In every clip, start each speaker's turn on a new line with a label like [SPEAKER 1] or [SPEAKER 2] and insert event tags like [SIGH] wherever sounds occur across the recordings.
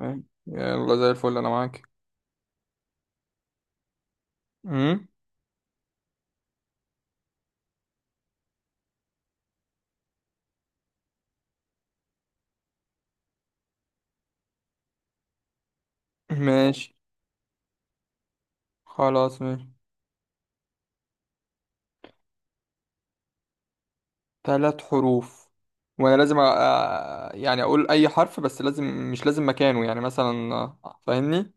[SPEAKER 1] أي. يلا زي الفل انا معاك. امم ماشي. خلاص، ماشي. ثلاث حروف. وانا لازم يعني اقول اي حرف، بس لازم، مش لازم مكانه، يعني مثلا آه، فاهمني؟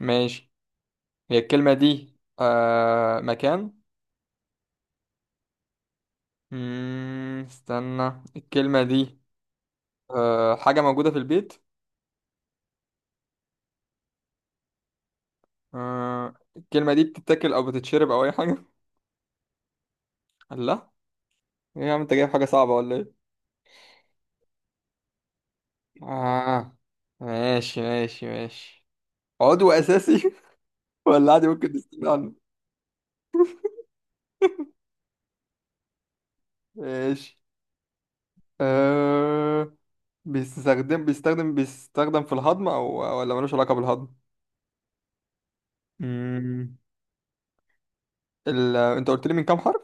[SPEAKER 1] ماشي. هي الكلمة دي آه مكان؟ استنى، الكلمة دي آه حاجة موجودة في البيت؟ آه الكلمة دي بتتاكل او بتتشرب او اي حاجة؟ [LAUGHS] لا. ايه يا عم، انت جايب حاجة صعبة ولا ايه؟ آه، ماشي ماشي ماشي. عضو أساسي [LAUGHS] ولا عادي ممكن نستغنى عنه؟ ماشي. أه... بيستخدم في الهضم او ولا ملوش علاقة بالهضم؟ مم. انت قلت لي من كام حرف؟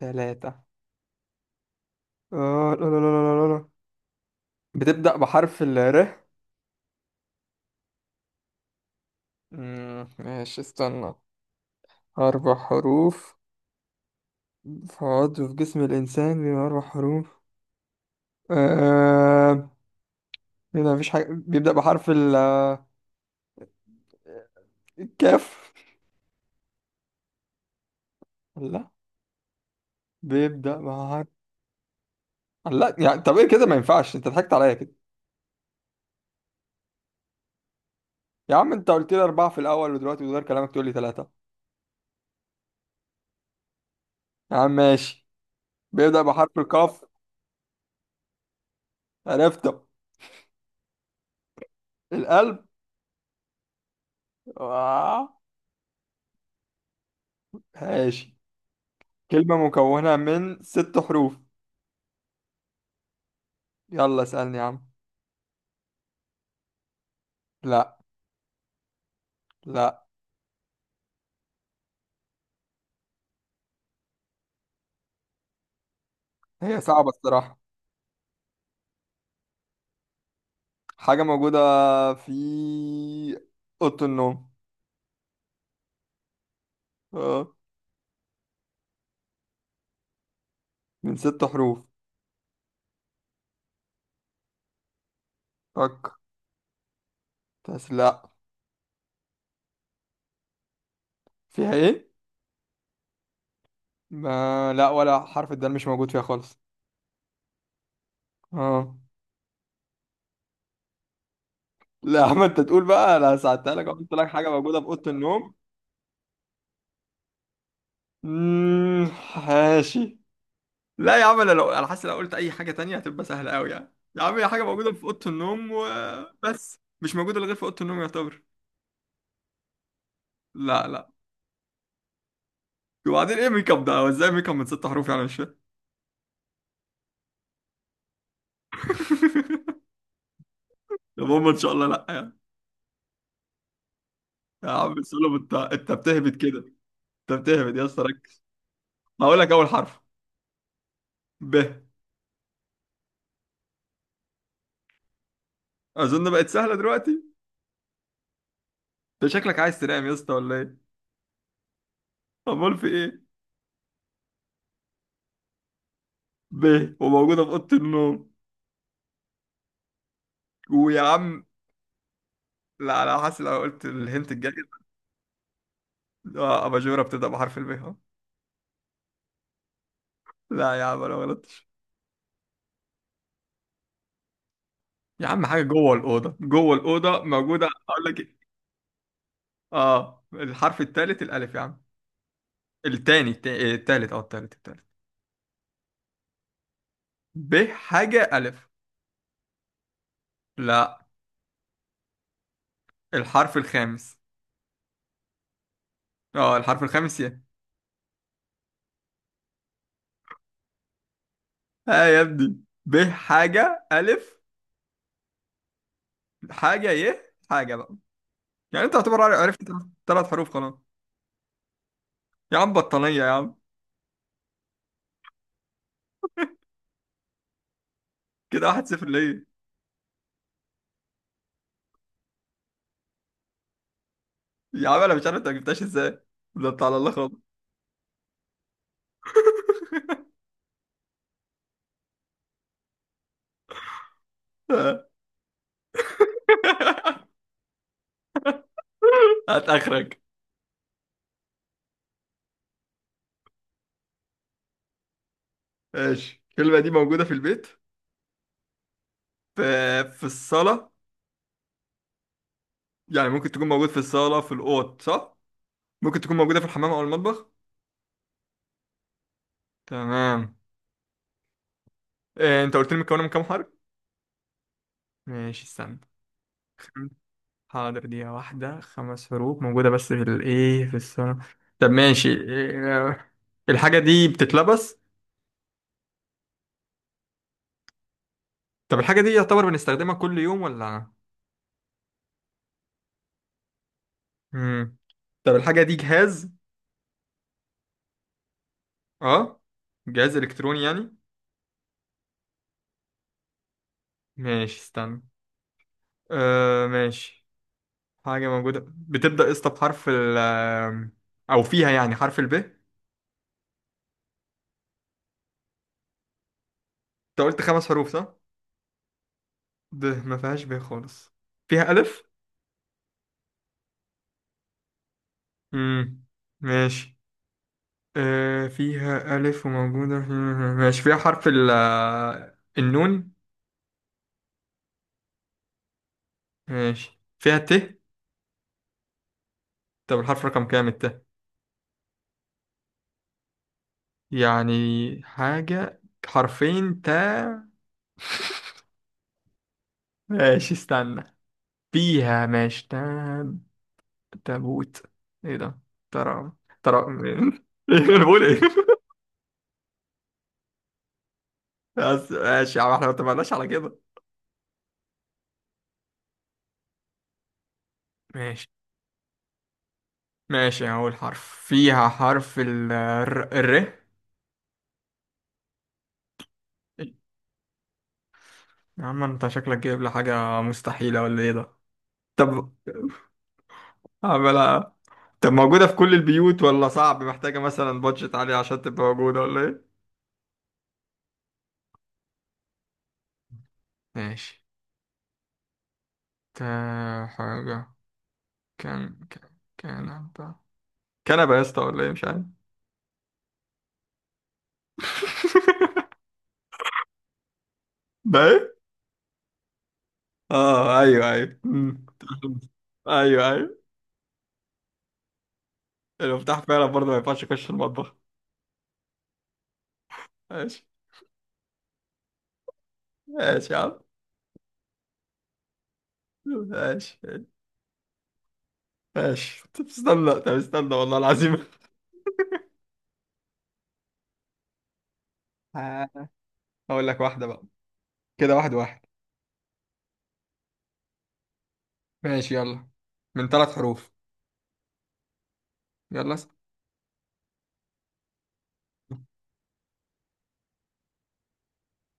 [SPEAKER 1] ثلاثة. آه، لا لا لا لا لا لا. بتبدأ بحرف ال ر. ماشي، استنى. أربع حروف. في عضو في جسم الإنسان بيبقى أربع حروف؟ آه... هنا مفيش حاجة بيبدأ بحرف ال الكاف. لا، بيبدأ بحرف. لا يعني، طب ايه كده، ما ينفعش، انت ضحكت عليا كده. يا عم، انت قلت لي اربعه في الاول ودلوقتي بتغير كلامك تقول لي ثلاثه. يا عم ماشي. بيبدا بحرف القاف. عرفته. القلب. آه. ماشي. كلمه مكونه من ست حروف. يلا اسالني يا عم. لا. لا. هي صعبه الصراحه. حاجه موجوده في اوضه النوم. اه، من ست حروف. فك، بس لا. فيها ايه؟ ما لا، ولا حرف الدال مش موجود فيها خالص. اه. لا، ما انت تقول بقى، انا ساعدتها لك، قلت لك حاجه موجوده في اوضه النوم. امم، ماشي. لا يا عم، انا لو انا حاسس لو قلت اي حاجه تانية هتبقى سهله قوي، يعني يا عم هي حاجه موجوده في اوضه النوم وبس، مش موجوده إلا غير في اوضه النوم يعتبر. لا لا. وبعدين ايه ميك اب ده، هو ازاي ميك اب من ست حروف يعني، مش فاهم. [LAUGHS] يا ماما ان شاء الله، لا يعني. يا عم سلم، انت بتهبد كده. انت بتهبد يا اسطى، ركز. هقول لك اول حرف. ب. اظن بقت سهله دلوقتي. انت شكلك عايز تنام يا اسطى ولا ايه؟ امال في ايه؟ ب، وموجودة في أوضة النوم. ويا عم، لا لا، حاسس لو قلت الهنت الجاي. آه، أباجورة بتبدأ بحرف الب أهو. لا يا عم، أنا ما غلطتش. يا عم، حاجة جوه الأوضة جوه الأوضة موجودة، أقول لك إيه؟ آه الحرف التالت الألف يا عم. التاني، إيه، التالت، التالت. ب حاجة ألف. لا. الحرف الخامس. أه، الحرف الخامس ي. ها يا ابني. ب حاجة ألف. حاجة ي. حاجة بقى. يعني أنت تعتبر عرفت. ثلاث حروف خلاص. يا عم بطانية يا عم. كده واحد صفر ليه. يا عم انا مش عارف انت ما جبتهاش ازاي. ده انت على الله خالص. [LAUGHS] هات اخرك. ماشي، الكلمة دي موجودة في البيت، في، في الصالة. يعني ممكن تكون موجودة في الصالة في الأوض، صح؟ ممكن تكون موجودة في الحمام أو المطبخ. تمام. إيه أنت قلت لي مكونة من كام حرف؟ ماشي استنى. [LAUGHS] خم- حاضر، دقيقة واحدة. خمس حروف موجودة بس في الإيه في الصالة. طب ماشي، إيه الحاجة دي، بتتلبس؟ طب الحاجة دي يعتبر بنستخدمها كل يوم ولا؟ مم. طب الحاجة دي جهاز. اه، جهاز إلكتروني يعني. ماشي استنى. آه ماشي. حاجة موجودة بتبدأ اسطى بحرف ال، أو فيها يعني حرف الب، أنت قلت خمس حروف صح؟ ب، ما فيهاش ب خالص. فيها ألف؟ مم. ماشي. آه فيها ألف وموجودة في. ماشي فيها حرف ال آه، النون. ماشي فيها ت. طب الحرف رقم كام الت؟ يعني حاجة حرفين تا. [LAUGHS] ماشي استنى. فيها، ماشي، تاب. تابوت. ايه ده. ترى. ترى [LAUGHS] انا بقول ايه. بس ماشي يا عم، احنا ما اتفقناش على كده. ماشي. ماشي اول حرف فيها حرف ال الر الر. يا عم انت شكلك جايب لي حاجة مستحيلة ولا ايه ده؟ طب عملها. طب موجودة في كل البيوت ولا صعب، محتاجة مثلا بادجت عالية عشان تبقى موجودة ولا ايه؟ ماشي. تا حاجة. كان. كنبة. كنبة يا اسطى ولا ايه، مش عارف. ده ايه؟ اه ايوه ايوه. مم. ايوه ايوه. المفتاح فعلا برضه ما ينفعش يخش المطبخ. ماشي. ماشي يا عم. ماشي. ماشي طب استنى، طب استنى والله العظيم. [LAUGHS] آه، هقول لك واحدة بقى. كده واحد واحد. ماشي يلا. من ثلاث حروف. يلا اسأل.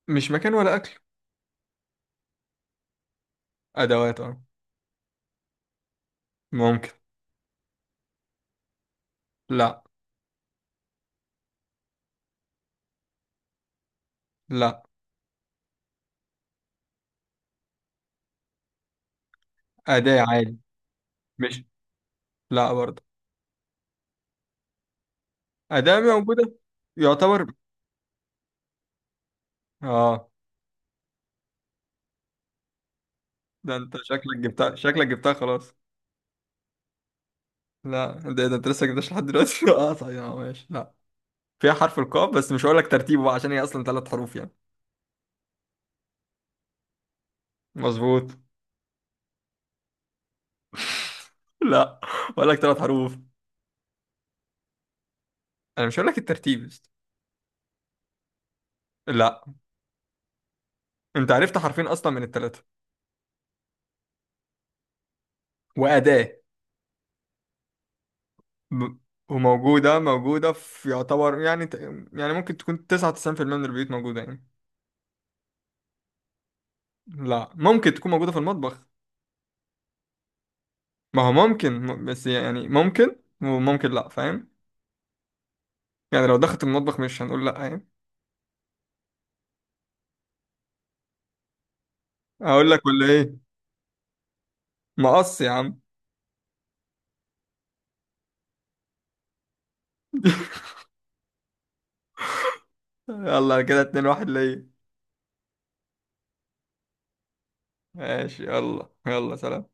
[SPEAKER 1] مش مكان ولا أكل. أدوات، أه. ممكن. لا. لا. أداة عادي. مش، لا برضه. أداة موجودة. يعتبر. اه. ده انت شكلك جبتها، شكلك جبتها خلاص. لا، ده انت لسه جبتش لحد دلوقتي. [LAUGHS] اه طيب اه ماشي لا. فيها حرف القاف، بس مش هقول لك ترتيبه بقى عشان هي اصلا ثلاث حروف يعني. مظبوط. [LAUGHS] لا. هقول لك ثلاث حروف. انا مش هقول لك الترتيب يا اسطى. لا. انت عرفت حرفين اصلا من الثلاثه. واداه. ب... وموجوده في يعتبر يعني يعني ممكن تكون 99% من البيوت موجوده يعني. لا، ممكن تكون موجوده في المطبخ. ما هو ممكن بس يعني ممكن. وممكن لا، فاهم. يعني لو دخلت المطبخ مش هنقول لا يعني. هقول لك ولا ايه؟ مقص يا عم. [LAUGHS] يلا كده اتنين واحد ليا. ماشي يلا يلا سلام.